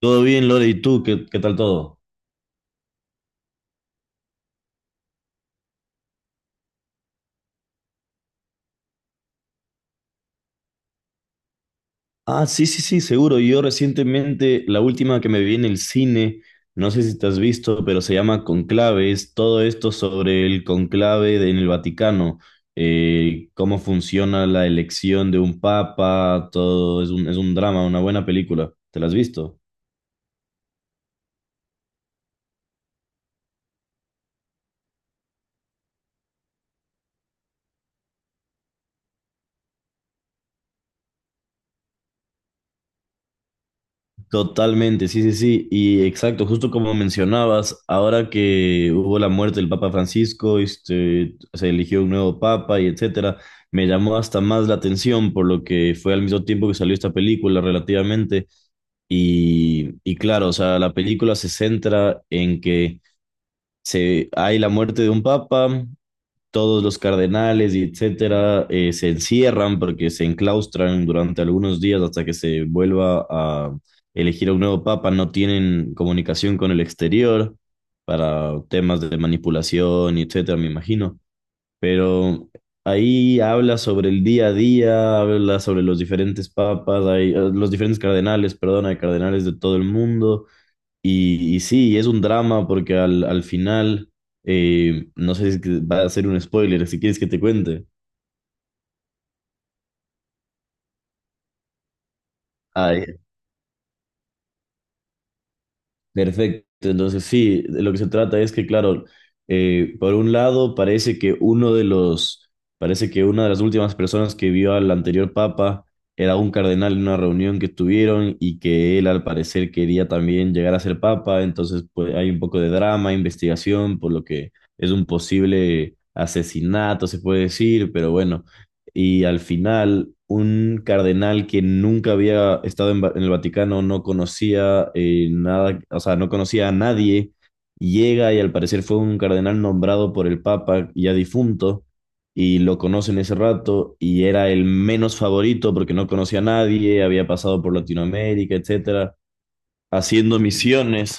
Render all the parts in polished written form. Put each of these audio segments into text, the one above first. Todo bien, Lore, ¿y tú? ¿Qué tal todo? Ah, sí, sí, sí, seguro. Yo recientemente, la última que me vi en el cine, no sé si te has visto, pero se llama Conclave, es todo esto sobre el conclave en el Vaticano, cómo funciona la elección de un papa, es un drama, una buena película. ¿Te la has visto? Totalmente, sí, sí, sí. Y exacto, justo como mencionabas, ahora que hubo la muerte del Papa Francisco, se eligió un nuevo papa y etcétera, me llamó hasta más la atención por lo que fue al mismo tiempo que salió esta película relativamente. Y claro, o sea, la película se centra en que hay la muerte de un papa, todos los cardenales y etcétera se encierran porque se enclaustran durante algunos días hasta que se vuelva a elegir a un nuevo papa, no tienen comunicación con el exterior para temas de manipulación y etcétera, me imagino. Pero ahí habla sobre el día a día, habla sobre los diferentes papas, los diferentes cardenales, perdón, hay cardenales de todo el mundo y sí, es un drama porque al final, no sé si es que va a ser un spoiler, si quieres que te cuente. ah Perfecto, entonces sí, de lo que se trata es que, claro, por un lado parece que parece que una de las últimas personas que vio al anterior papa era un cardenal en una reunión que tuvieron y que él al parecer quería también llegar a ser papa, entonces pues hay un poco de drama, investigación, por lo que es un posible asesinato, se puede decir, pero bueno, y al final un cardenal que nunca había estado en, en el Vaticano, no conocía nada, o sea, no conocía a nadie, llega y al parecer fue un cardenal nombrado por el Papa ya difunto y lo conoce en ese rato y era el menos favorito porque no conocía a nadie, había pasado por Latinoamérica, etcétera, haciendo misiones,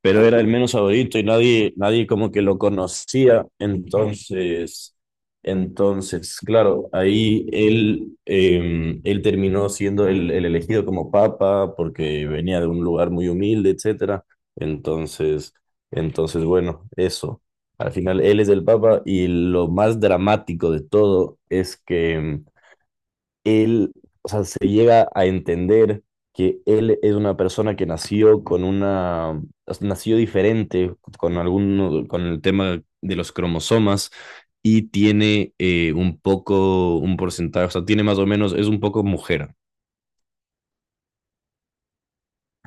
pero era el menos favorito y nadie, nadie como que lo conocía. Entonces, entonces, claro, ahí él terminó siendo el elegido como papa porque venía de un lugar muy humilde, etcétera. Entonces, entonces, bueno, eso. Al final, él es el papa y lo más dramático de todo es que él, o sea, se llega a entender que él es una persona que nació diferente con algún, con el tema de los cromosomas y tiene un poco, un porcentaje, o sea, tiene más o menos, es un poco mujer.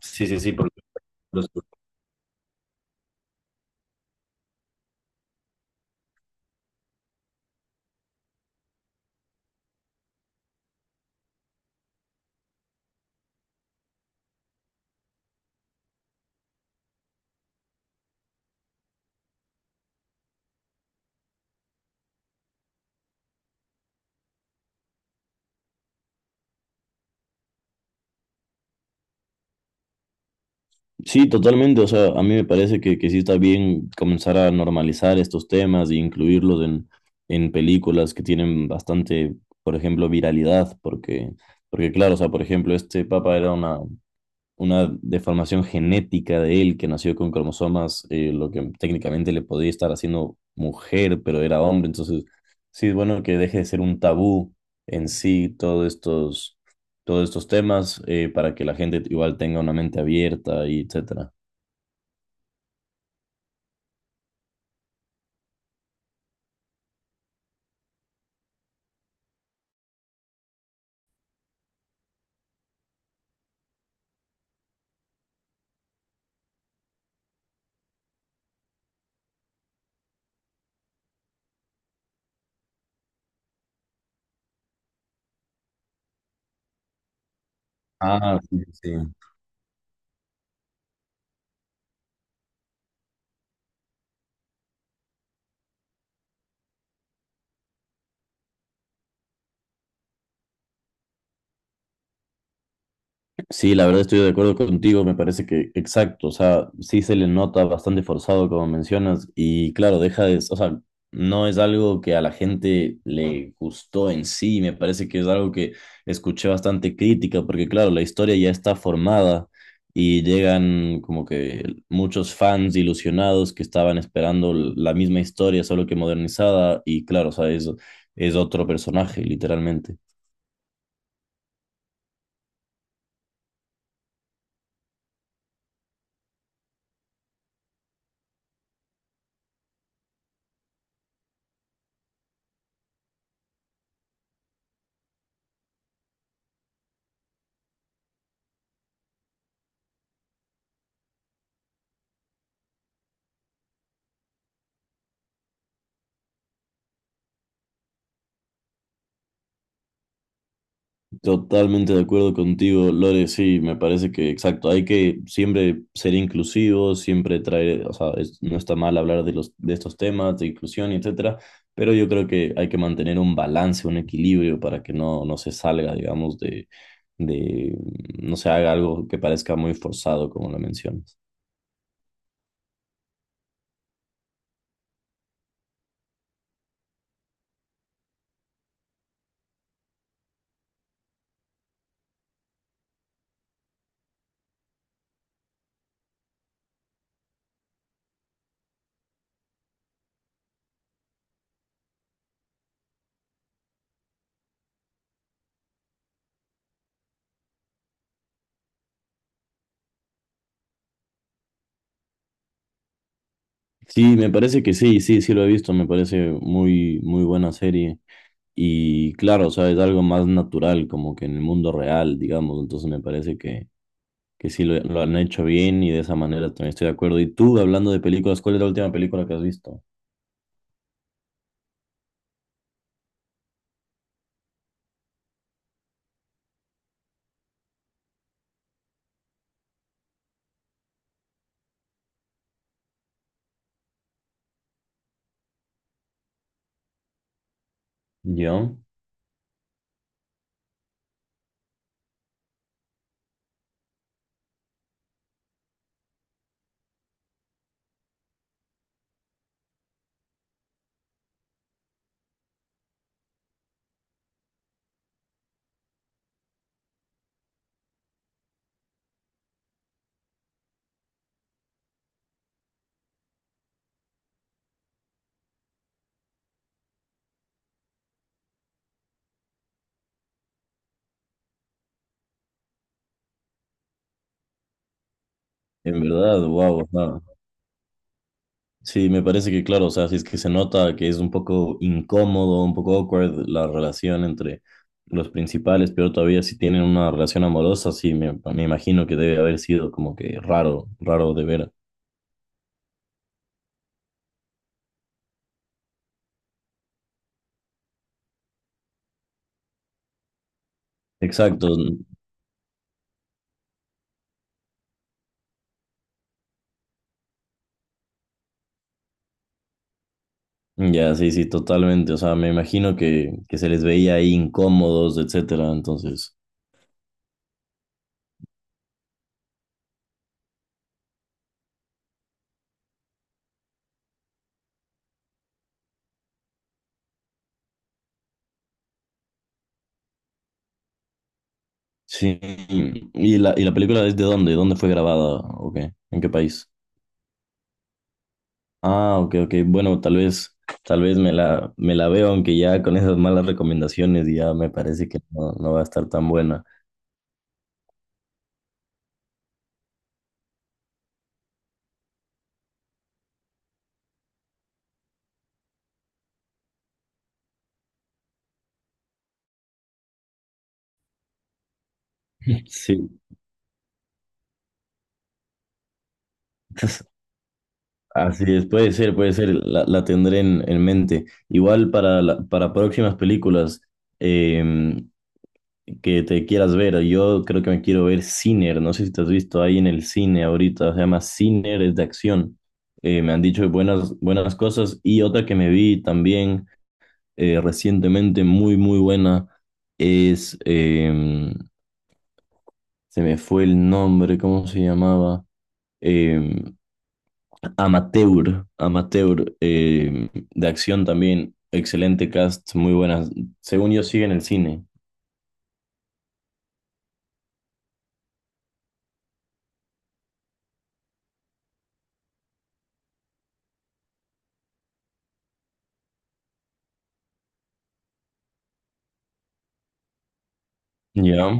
Sí, sí, sí, por los. Sí, totalmente. O sea, a mí me parece que sí está bien comenzar a normalizar estos temas e en películas que tienen bastante, por ejemplo, viralidad, porque claro, o sea, por ejemplo, este papa era una deformación genética de él que nació con cromosomas, lo que técnicamente le podía estar haciendo mujer, pero era hombre. Entonces, sí es bueno que deje de ser un tabú en sí todos estos temas para que la gente igual tenga una mente abierta y etcétera. Ah, sí, sí. Sí, la verdad estoy de acuerdo contigo, me parece que exacto, o sea, sí se le nota bastante forzado como mencionas y claro, o sea, no es algo que a la gente le gustó en sí, me parece que es algo que escuché bastante crítica porque claro, la historia ya está formada y llegan como que muchos fans ilusionados que estaban esperando la misma historia, solo que modernizada y claro, o sea, es otro personaje, literalmente. Totalmente de acuerdo contigo, Lore, sí, me parece que exacto, hay que siempre ser inclusivos, siempre traer, o sea, no está mal hablar de los, de estos temas, de inclusión, etcétera, pero yo creo que hay que mantener un balance, un equilibrio para que no, no se salga, digamos, de, no se haga algo que parezca muy forzado, como lo mencionas. Sí, me parece que sí, sí, sí lo he visto, me parece muy, muy buena serie. Y claro, o sea, es algo más natural, como que en el mundo real, digamos, entonces me parece que sí lo han hecho bien y de esa manera también estoy de acuerdo. Y tú, hablando de películas, ¿cuál es la última película que has visto? ¿Yo? En verdad, wow. Sí, me parece que claro, o sea, si es que se nota que es un poco incómodo, un poco awkward la relación entre los principales, pero todavía si tienen una relación amorosa, sí, me imagino que debe haber sido como que raro, raro de ver. Exacto, mm, ya, sí, sí, totalmente, o sea, me imagino que se les veía ahí incómodos, etcétera, entonces... Sí. ¿Y y la película es de dónde? ¿Dónde fue grabada? ¿O qué? ¿En qué país? Ah, ok, ok. Bueno, tal vez, me la veo, aunque ya con esas malas recomendaciones ya me parece que no, no va a estar tan buena. Sí. Así es, puede ser, la tendré en mente. Igual para, para próximas películas, em, que te quieras ver. Yo creo que me quiero ver Sinner. No sé si te has visto ahí en el cine ahorita. Se llama Sinner, es de acción. Me han dicho buenas, buenas cosas. Y otra que me vi también recientemente, muy, muy buena, es. em, se me fue el nombre, ¿cómo se llamaba? Em, Amateur. Amateur, de acción también. Excelente cast, muy buenas. Según yo, sigue en el cine. ¿Ya?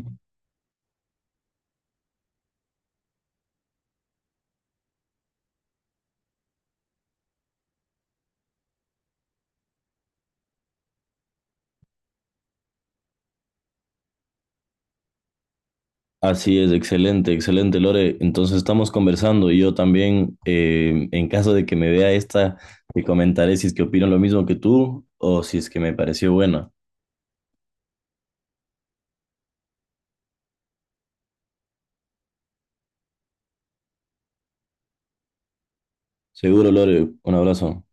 Así es, excelente, excelente, Lore. Entonces estamos conversando y yo también, en caso de que me vea esta, te comentaré si es que opino lo mismo que tú o si es que me pareció buena. Seguro, Lore, un abrazo.